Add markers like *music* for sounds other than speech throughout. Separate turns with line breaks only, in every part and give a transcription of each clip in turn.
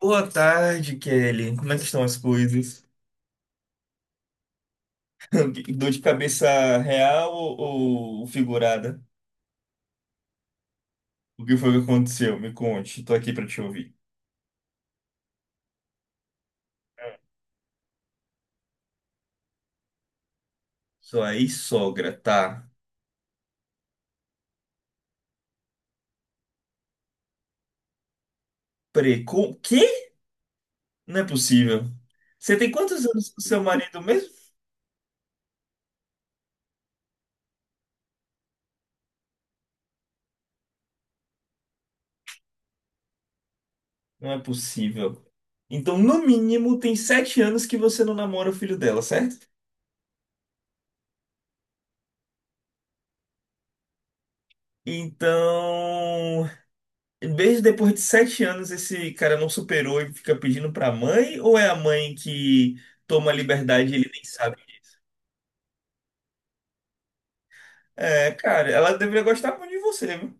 Boa tarde, Kelly. Como é que estão as coisas? *laughs* Dor de cabeça real ou figurada? O que foi que aconteceu? Me conte. Tô aqui pra te ouvir. Sua ex-sogra tá. Preco? Quê? Não é possível. Você tem quantos anos com seu marido mesmo? Não é possível. Então, no mínimo, tem 7 anos que você não namora o filho dela, certo? Então, mesmo depois de 7 anos, esse cara não superou e fica pedindo pra mãe? Ou é a mãe que toma liberdade e ele nem sabe? É, cara, ela deveria gostar muito de você, viu?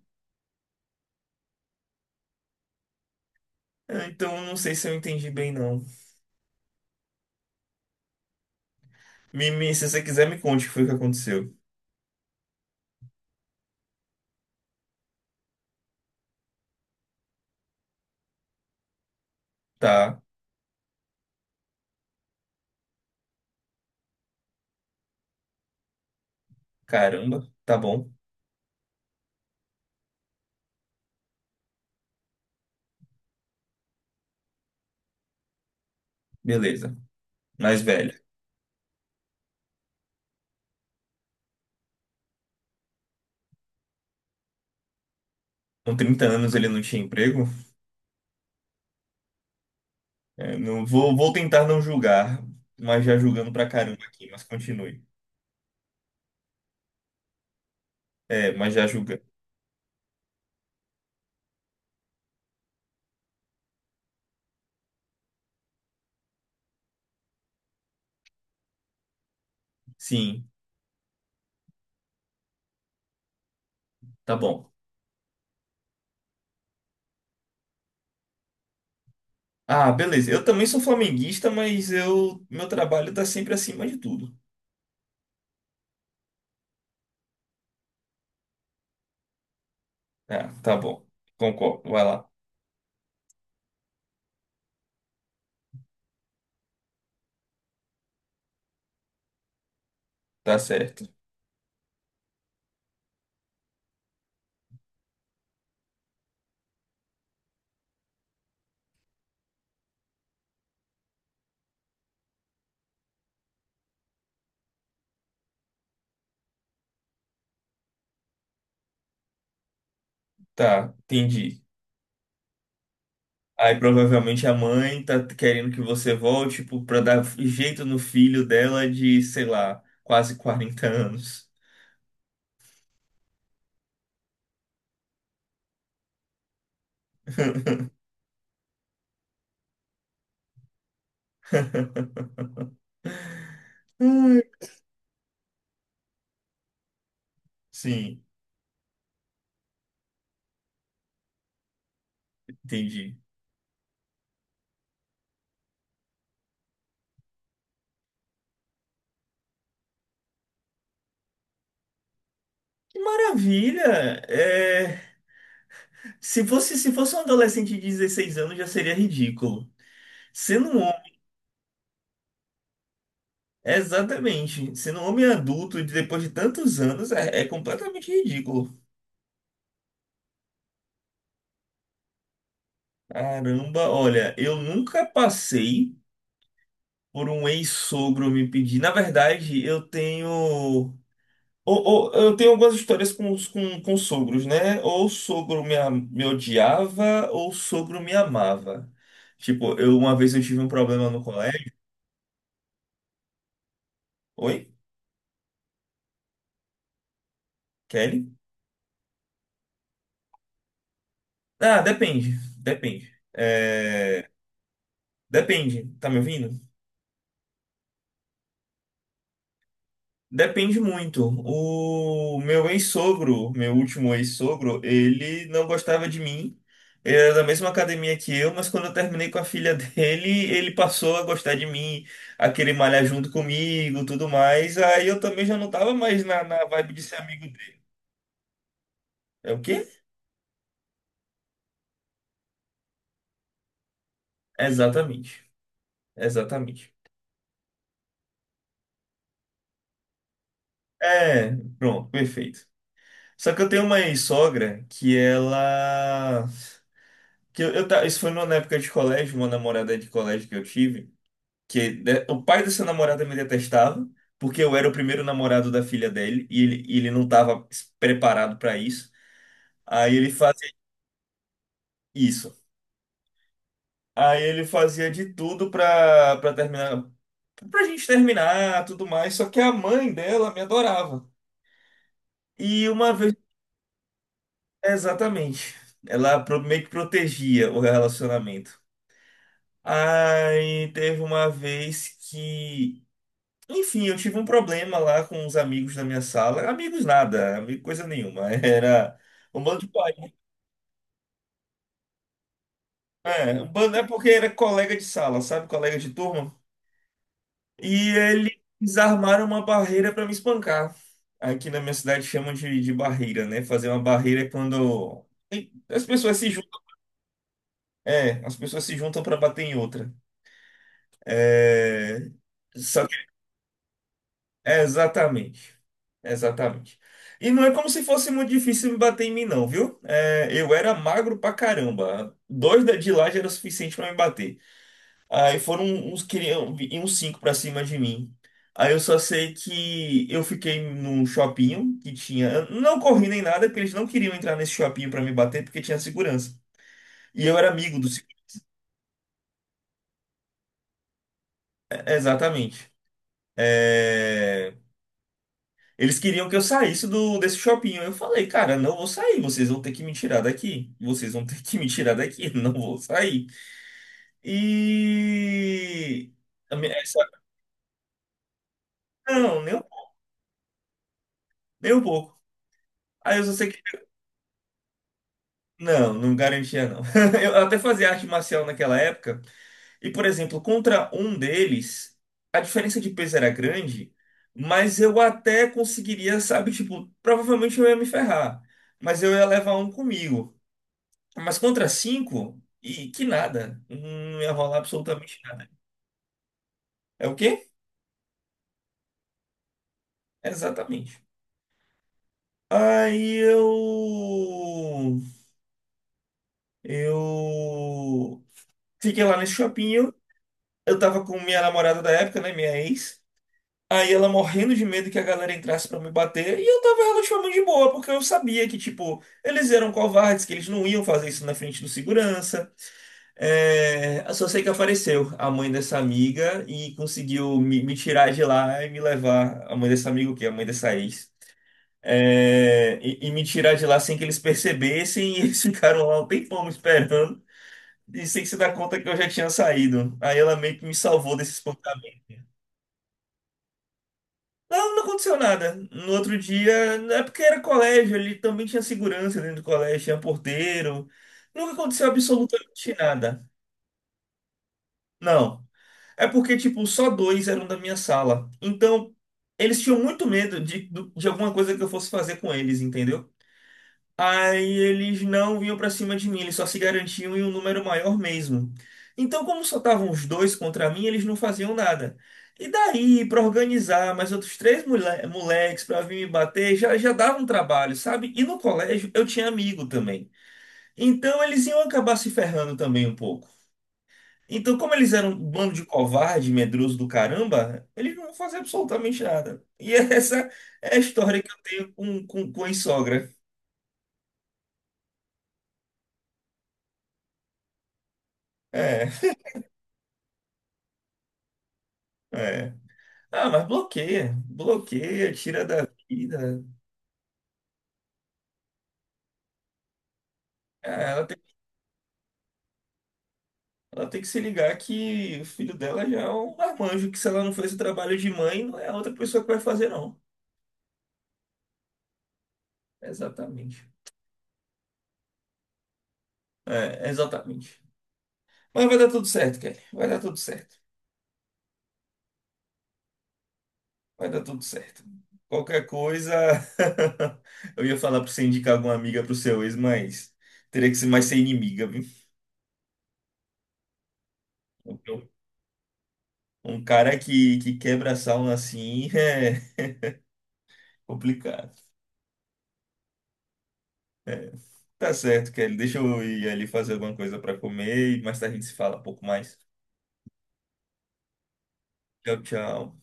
É, então, não sei se eu entendi bem, não. Se você quiser, me conte o que foi que aconteceu. Tá, caramba, tá bom, beleza. Mais velha. Com 30 anos ele não tinha emprego? É, não, vou tentar não julgar, mas já julgando pra caramba aqui, mas continue. É, mas já julga. Sim, tá bom. Ah, beleza. Eu também sou flamenguista, mas eu meu trabalho tá sempre acima de tudo. Ah, tá bom. Concordo. Vai lá. Tá certo. Tá, entendi. Aí provavelmente a mãe tá querendo que você volte, tipo, pra dar jeito no filho dela de, sei lá, quase 40 anos. *laughs* Ai, sim, entendi. Que maravilha! É, se fosse um adolescente de 16 anos, já seria ridículo. Sendo um Exatamente. Sendo um homem adulto e depois de tantos anos é, é completamente ridículo. Caramba, olha, eu nunca passei por um ex-sogro me pedir. Na verdade, eu tenho. Eu tenho algumas histórias com, com sogros, né? Ou o sogro me odiava, ou o sogro me amava. Tipo, eu uma vez eu tive um problema no colégio. Oi, Kelly? Ah, depende. Depende. É, depende. Tá me ouvindo? Depende muito. O meu ex-sogro, meu último ex-sogro, ele não gostava de mim. Ele era da mesma academia que eu, mas quando eu terminei com a filha *laughs* dele, ele passou a gostar de mim, a querer malhar junto comigo, tudo mais. Aí eu também já não tava mais na vibe de ser amigo dele. É o quê? Exatamente. Exatamente. É, pronto, perfeito. Só que eu tenho uma ex-sogra que ela. Que eu isso foi numa época de colégio, uma namorada de colégio que eu tive. Que né, o pai dessa namorada me detestava, porque eu era o primeiro namorado da filha dele e ele não estava preparado para isso. Aí ele fazia isso. Aí ele fazia de tudo para terminar, pra gente terminar, tudo mais, só que a mãe dela me adorava. E uma vez, exatamente, ela meio que protegia o relacionamento. Aí teve uma vez que enfim, eu tive um problema lá com os amigos da minha sala. Amigos nada, amigo coisa nenhuma. *laughs* Era um bando de pai. Né? É, um bando é porque era colega de sala, sabe? Colega de turma. E eles armaram uma barreira para me espancar. Aqui na minha cidade chamam de barreira, né? Fazer uma barreira é quando as pessoas se juntam. É, as pessoas se juntam para bater em outra. É, é, exatamente. Exatamente. E não é como se fosse muito difícil me bater em mim, não, viu? É, eu era magro pra caramba. Dois de lá já era o suficiente pra me bater. Aí foram uns, cri- e uns cinco pra cima de mim. Aí eu só sei que eu fiquei num shopping que tinha. Eu não corri nem nada, porque eles não queriam entrar nesse shopping pra me bater, porque tinha segurança. E eu era amigo do. É, exatamente. É, eles queriam que eu saísse desse shopping. Eu falei, cara, não vou sair, vocês vão ter que me tirar daqui. Vocês vão ter que me tirar daqui, *laughs* não vou sair. E. a minha- essa- Não, nem um pouco. Aí eu só sei que. Não, não garantia, não. *laughs* Eu até fazia arte marcial naquela época. E, por exemplo, contra um deles, a diferença de peso era grande, mas eu até conseguiria, sabe, tipo, provavelmente eu ia me ferrar. Mas eu ia levar um comigo. Mas contra cinco, e que nada. Não ia rolar absolutamente nada. É o quê? Exatamente. Aí eu. Eu. Fiquei lá nesse shopping. Eu tava com minha namorada da época, né? Minha ex. Aí ela morrendo de medo que a galera entrasse pra me bater. E eu tava relativamente de boa, porque eu sabia que, tipo, eles eram covardes, que eles não iam fazer isso na frente do segurança. É, eu só sei que apareceu a mãe dessa amiga e conseguiu me tirar de lá e me levar. A mãe dessa amiga, o quê? A mãe dessa ex. É, e me tirar de lá sem que eles percebessem e eles *laughs* ficaram lá um tempão me esperando e sem se dar conta que eu já tinha saído. Aí ela meio que me salvou desse espantamento. Não, não aconteceu nada. No outro dia, é porque era colégio, ele também tinha segurança dentro do colégio, tinha porteiro. Nunca aconteceu absolutamente nada. Não. É porque, tipo, só dois eram da minha sala. Então, eles tinham muito medo de alguma coisa que eu fosse fazer com eles, entendeu? Aí eles não vinham pra cima de mim, eles só se garantiam em um número maior mesmo. Então, como só estavam os dois contra mim, eles não faziam nada. E daí, pra organizar mais outros três moleques pra vir me bater, já dava um trabalho, sabe? E no colégio eu tinha amigo também. Então, eles iam acabar se ferrando também um pouco. Então, como eles eram um bando de covarde, medroso do caramba, eles não vão fazer absolutamente nada. E *laughs* essa é a história que eu tenho com a sogra. É, é. Ah, mas bloqueia, bloqueia, tira da vida. Ah, ela tem que se ligar que o filho dela já é um marmanjo, que se ela não fez o trabalho de mãe, não é a outra pessoa que vai fazer, não. Exatamente. É, exatamente. Mas vai dar tudo certo, Kelly. Vai dar tudo certo. Vai dar tudo certo. Qualquer coisa, *laughs* eu ia falar pra você indicar alguma amiga pro seu ex, mas teria que ser mais ser inimiga, viu? Então, um cara que quebra a sauna assim *laughs* é complicado. É, tá certo, Kelly. Deixa eu ir ali fazer alguma coisa pra comer e mais tarde a gente se fala um pouco mais. Tchau, tchau.